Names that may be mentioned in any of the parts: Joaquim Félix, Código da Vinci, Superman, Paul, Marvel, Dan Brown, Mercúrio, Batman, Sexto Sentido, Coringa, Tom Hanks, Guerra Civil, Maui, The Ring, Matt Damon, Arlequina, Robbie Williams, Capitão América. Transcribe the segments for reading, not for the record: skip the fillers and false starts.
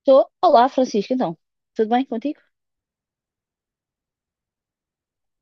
Estou. Olá, Francisco, então. Tudo bem contigo?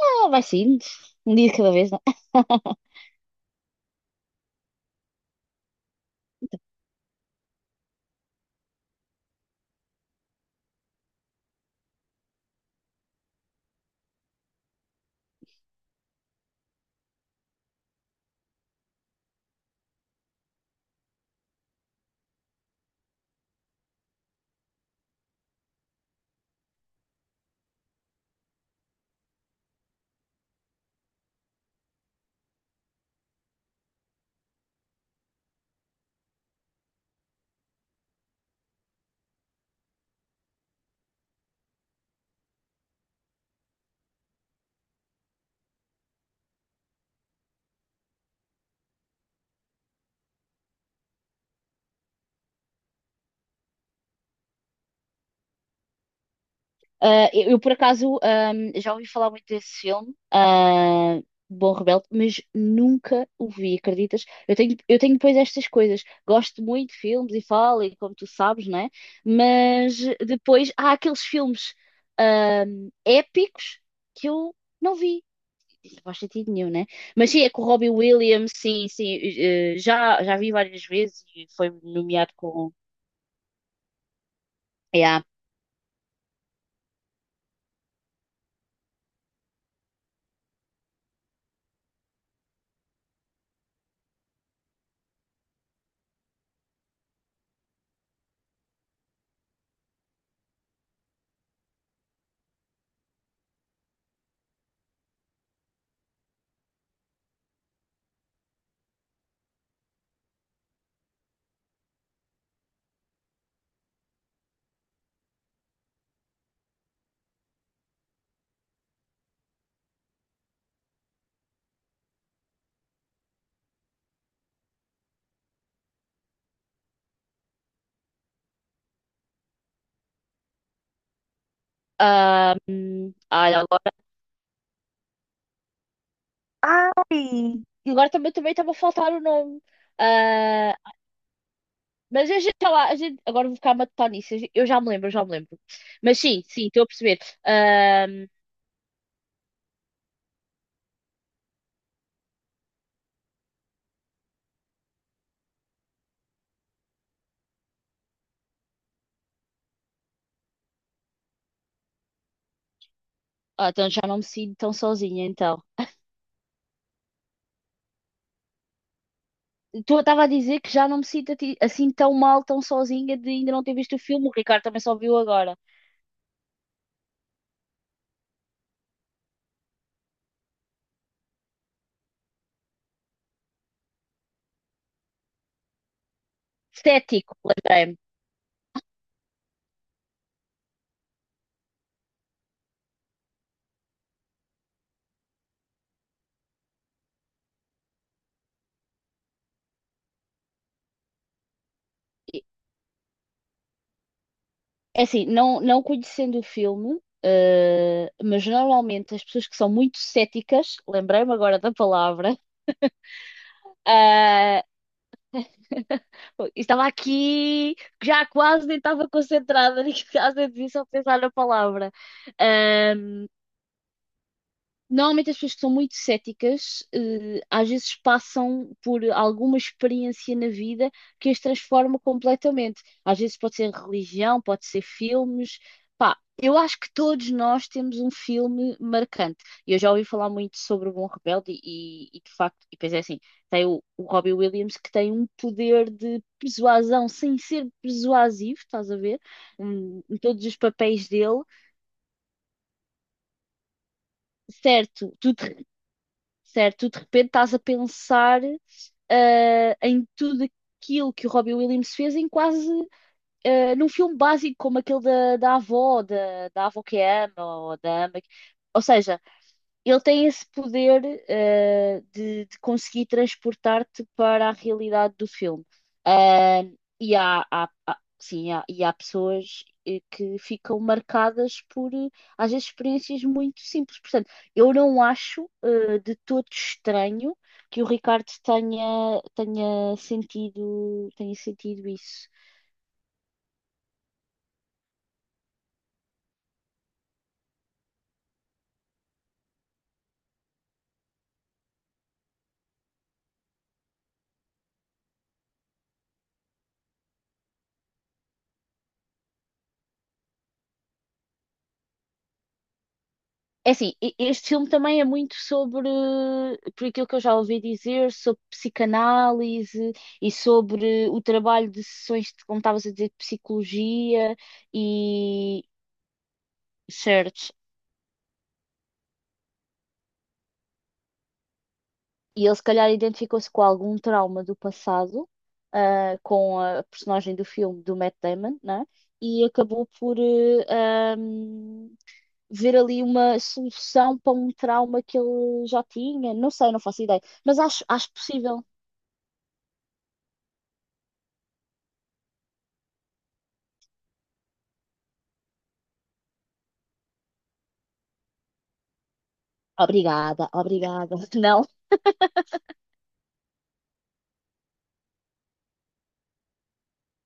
Vai sim. Um dia de cada vez, não é? Eu por acaso, já ouvi falar muito desse filme, Bom Rebelde, mas nunca o vi, acreditas? Eu tenho depois estas coisas. Gosto muito de filmes e falo, e como tu sabes, né? Mas depois há aqueles filmes, épicos que eu não vi. Não faz sentido nenhum, né? Mas sim, é com o Robbie Williams, sim, sim, já vi várias vezes e foi nomeado com. Yeah. Olha, agora, ai! Agora também estava a faltar o nome. Ah, mas a gente, sei lá, a gente, agora vou ficar a matutar nisso. Eu já me lembro, eu já me lembro. Mas sim, sim, estou a perceber. Ah, ah, então já não me sinto tão sozinha, então. Tu estava a dizer que já não me sinto ati- assim tão mal, tão sozinha de ainda não ter visto o filme. O Ricardo também só viu agora. Cético, lembrei-me. É assim, não, não conhecendo o filme, mas normalmente as pessoas que são muito céticas, lembrei-me agora da palavra, ah, estava aqui, já quase nem estava concentrada, nem quase nem dizer só pensar na palavra. eh, Normalmente as pessoas que são muito céticas, às vezes passam por alguma experiência na vida que as transforma completamente. Às vezes pode ser religião, pode ser filmes. Pá, eu acho que todos nós temos um filme marcante. Eu já ouvi falar muito sobre o Bom Rebelde e, de facto, e depois é assim, tem o Robbie Williams que tem um poder de persuasão sem ser persuasivo, estás a ver? Em todos os papéis dele. Certo, tu te certo? Tu de repente estás a pensar em tudo aquilo que o Robbie Williams fez em quase num filme básico como aquele da avó, da avó que ama ou da ama. Que- ou seja, ele tem esse poder, de conseguir transportar-te para a realidade do filme. Ah, e há pessoas que ficam marcadas por, às vezes, experiências muito simples. Portanto, eu não acho, de todo estranho que o Ricardo tenha sentido isso. É assim, e- este filme também é muito sobre, por aquilo que eu já ouvi dizer, sobre psicanálise e sobre o trabalho de sessões de, como estavas a dizer, de psicologia e research. E ele se calhar identificou-se com algum trauma do passado, com a personagem do filme do Matt Damon, né? E acabou por ahm, ver ali uma solução para um trauma que ele já tinha. Não sei, não faço ideia, mas acho, acho possível. Obrigada, obrigada. Não?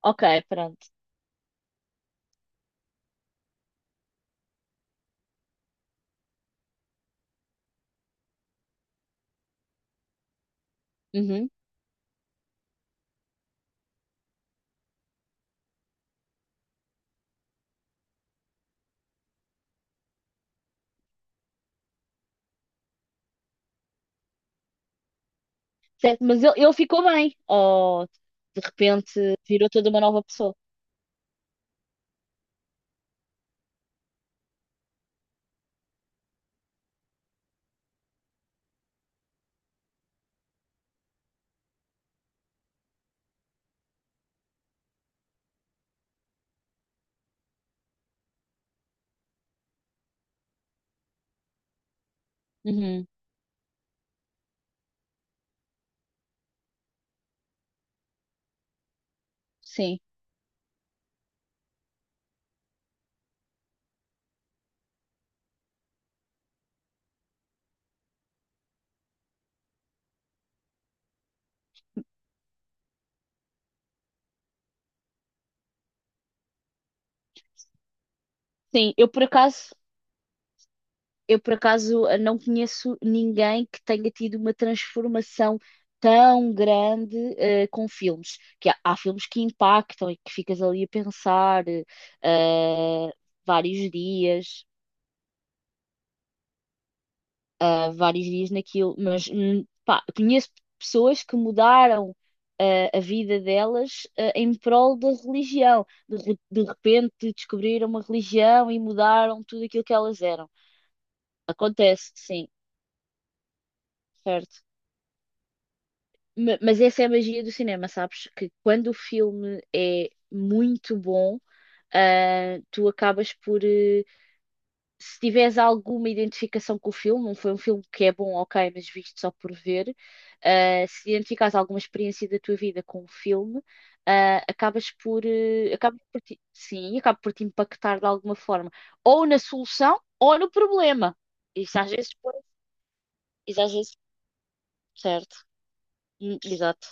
Ok, pronto. Uhum. Certo, mas ele ficou bem. Ou de repente virou toda uma nova pessoa. Uhum. Sim. Sim, eu por acaso não conheço ninguém que tenha tido uma transformação tão grande com filmes. Que há, há filmes que impactam e que ficas ali a pensar eh, vários dias. Vários dias naquilo, mas pá, conheço pessoas que mudaram a vida delas em prol da religião. De, re- de repente descobriram uma religião e mudaram tudo aquilo que elas eram. Acontece, sim, certo. Ma- mas essa é a magia do cinema, sabes? Que quando o filme é muito bom, tu acabas por se tiveres alguma identificação com o filme, não foi um filme que é bom, ok, mas visto só por ver, se identificares alguma experiência da tua vida com o filme, ah, acabas por, eh, acaba por ti- sim, acaba por te impactar de alguma forma, ou na solução, ou no problema. Isso às vezes, pode- isso às vezes, certo, hum, exato.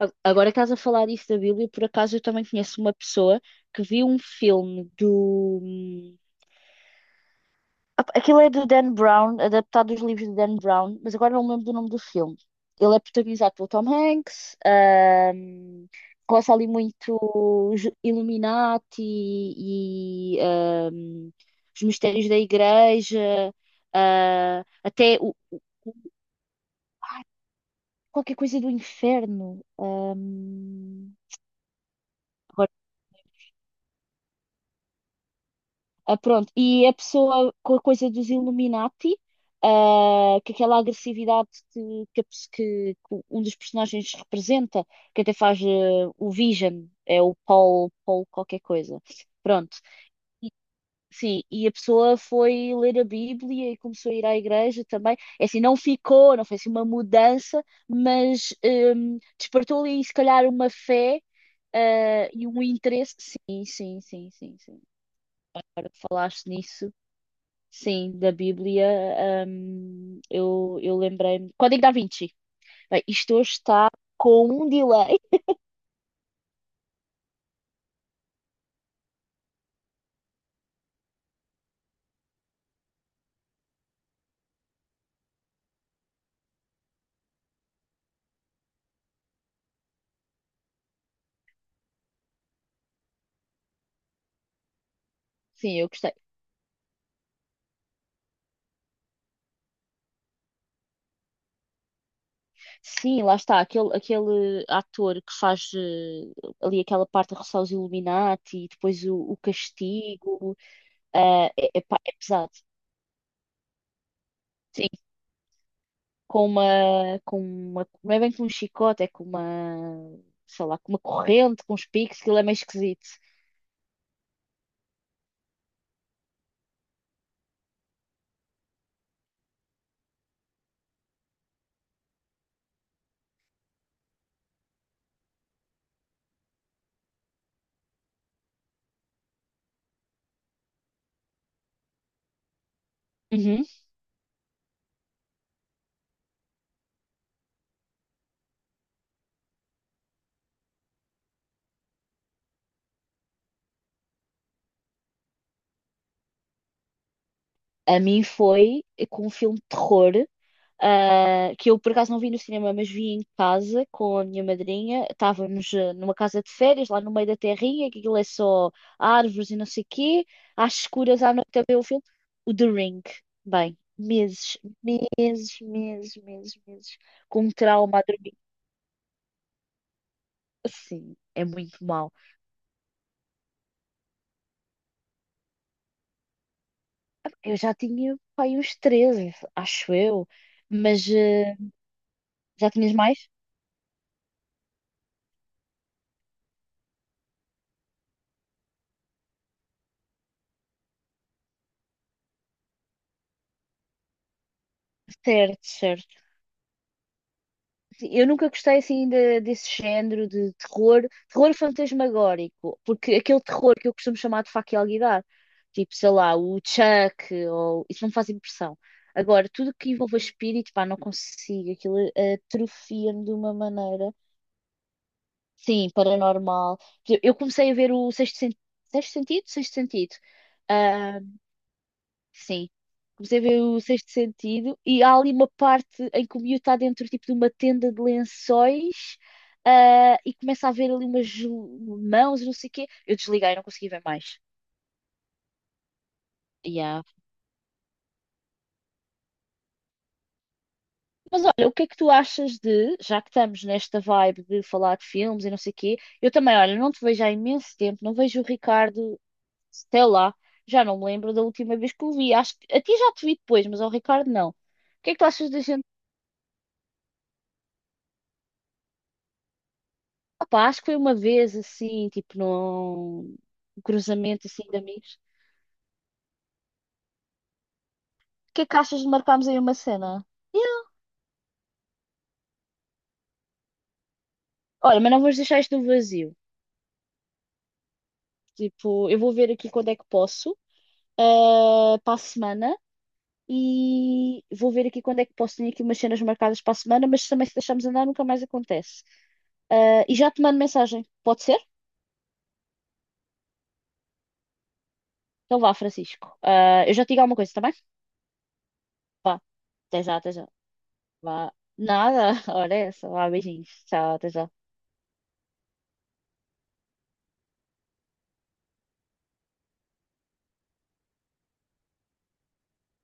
A- agora que estás a falar isso da Bíblia, por acaso eu também conheço uma pessoa que viu um filme do aquilo é do Dan Brown, adaptado dos livros de Dan Brown, mas agora não me lembro do nome do filme. Ele é protagonizado pelo Tom Hanks, roça ali muito os Illuminati e os mistérios da igreja, ah, até o- ai, qualquer coisa do inferno. Agora Ah, pronto, e a pessoa com a coisa dos Illuminati, que aquela agressividade que, a pes- que um dos personagens representa, que até faz o Vision, é o Paul, Paul qualquer coisa. Pronto. E- sim, e a pessoa foi ler a Bíblia e começou a ir à igreja também. É assim, não ficou, não foi assim uma mudança, mas despertou ali, se calhar, uma fé e um interesse. Sim, sim, sim, sim, sim. Agora que falaste nisso. Sim, da Bíblia, eu lembrei-me. Código da Vinci. Bem, isto hoje está com um delay. Sim, eu gostei. Sim, lá está, aquele ator que faz ali aquela parte a roçar os Illuminati e depois o castigo. É, é pá, é pesado. Sim, com uma, com uma. Não é bem com um chicote, é com uma. Sei lá, com uma corrente, com uns picos, aquilo é meio esquisito. Uhum. A mim foi com um filme de terror que eu por acaso não vi no cinema, mas vi em casa com a minha madrinha. Estávamos numa casa de férias, lá no meio da terrinha, que aquilo é só árvores e não sei o quê, às escuras à noite a ver o filme. O The Ring. Bem, meses, com um trauma a dormir. Assim, é muito mau. Eu já tinha, pai, uns 13, acho eu, mas já tinhas mais? Certo, certo. Eu nunca gostei assim de- desse género de terror, terror fantasmagórico, porque aquele terror que eu costumo chamar de faca e alguidar, tipo, sei lá, o Chuck, ou isso não me faz impressão. Agora, tudo que envolva espírito, pá, não consigo, aquilo atrofia-me de uma maneira, sim, paranormal. Eu comecei a ver o Sexto Sentido. Ah, sim. Comecei a ver o Sexto Sentido e há ali uma parte em que o miúdo está dentro tipo, de uma tenda de lençóis e começa a ver ali umas mãos e não sei o quê. Eu desliguei, não consegui ver mais. Yeah. Mas olha, o que é que tu achas de, já que estamos nesta vibe de falar de filmes e não sei o quê, eu também, olha, não te vejo há imenso tempo, não vejo o Ricardo, sei lá, já não me lembro da última vez que o vi. Acho que a ti já te vi depois, mas ao Ricardo não. O que é que tu achas da gente opa, acho que foi uma vez assim, tipo num cruzamento assim de amigos. O que é que achas de marcarmos aí uma cena? Yeah. Olha, mas não vamos deixar isto no vazio. Tipo, eu vou ver aqui quando é que posso, para a semana, e vou ver aqui quando é que posso. Tenho aqui umas cenas marcadas para a semana, mas também se deixarmos andar nunca mais acontece. Eh, e já te mando mensagem, pode ser? Então vá, Francisco. Eh, eu já te digo alguma coisa, também? Vá, até já, até já. Vá. Nada, olha essa. Vá, beijinhos. Tchau, até já.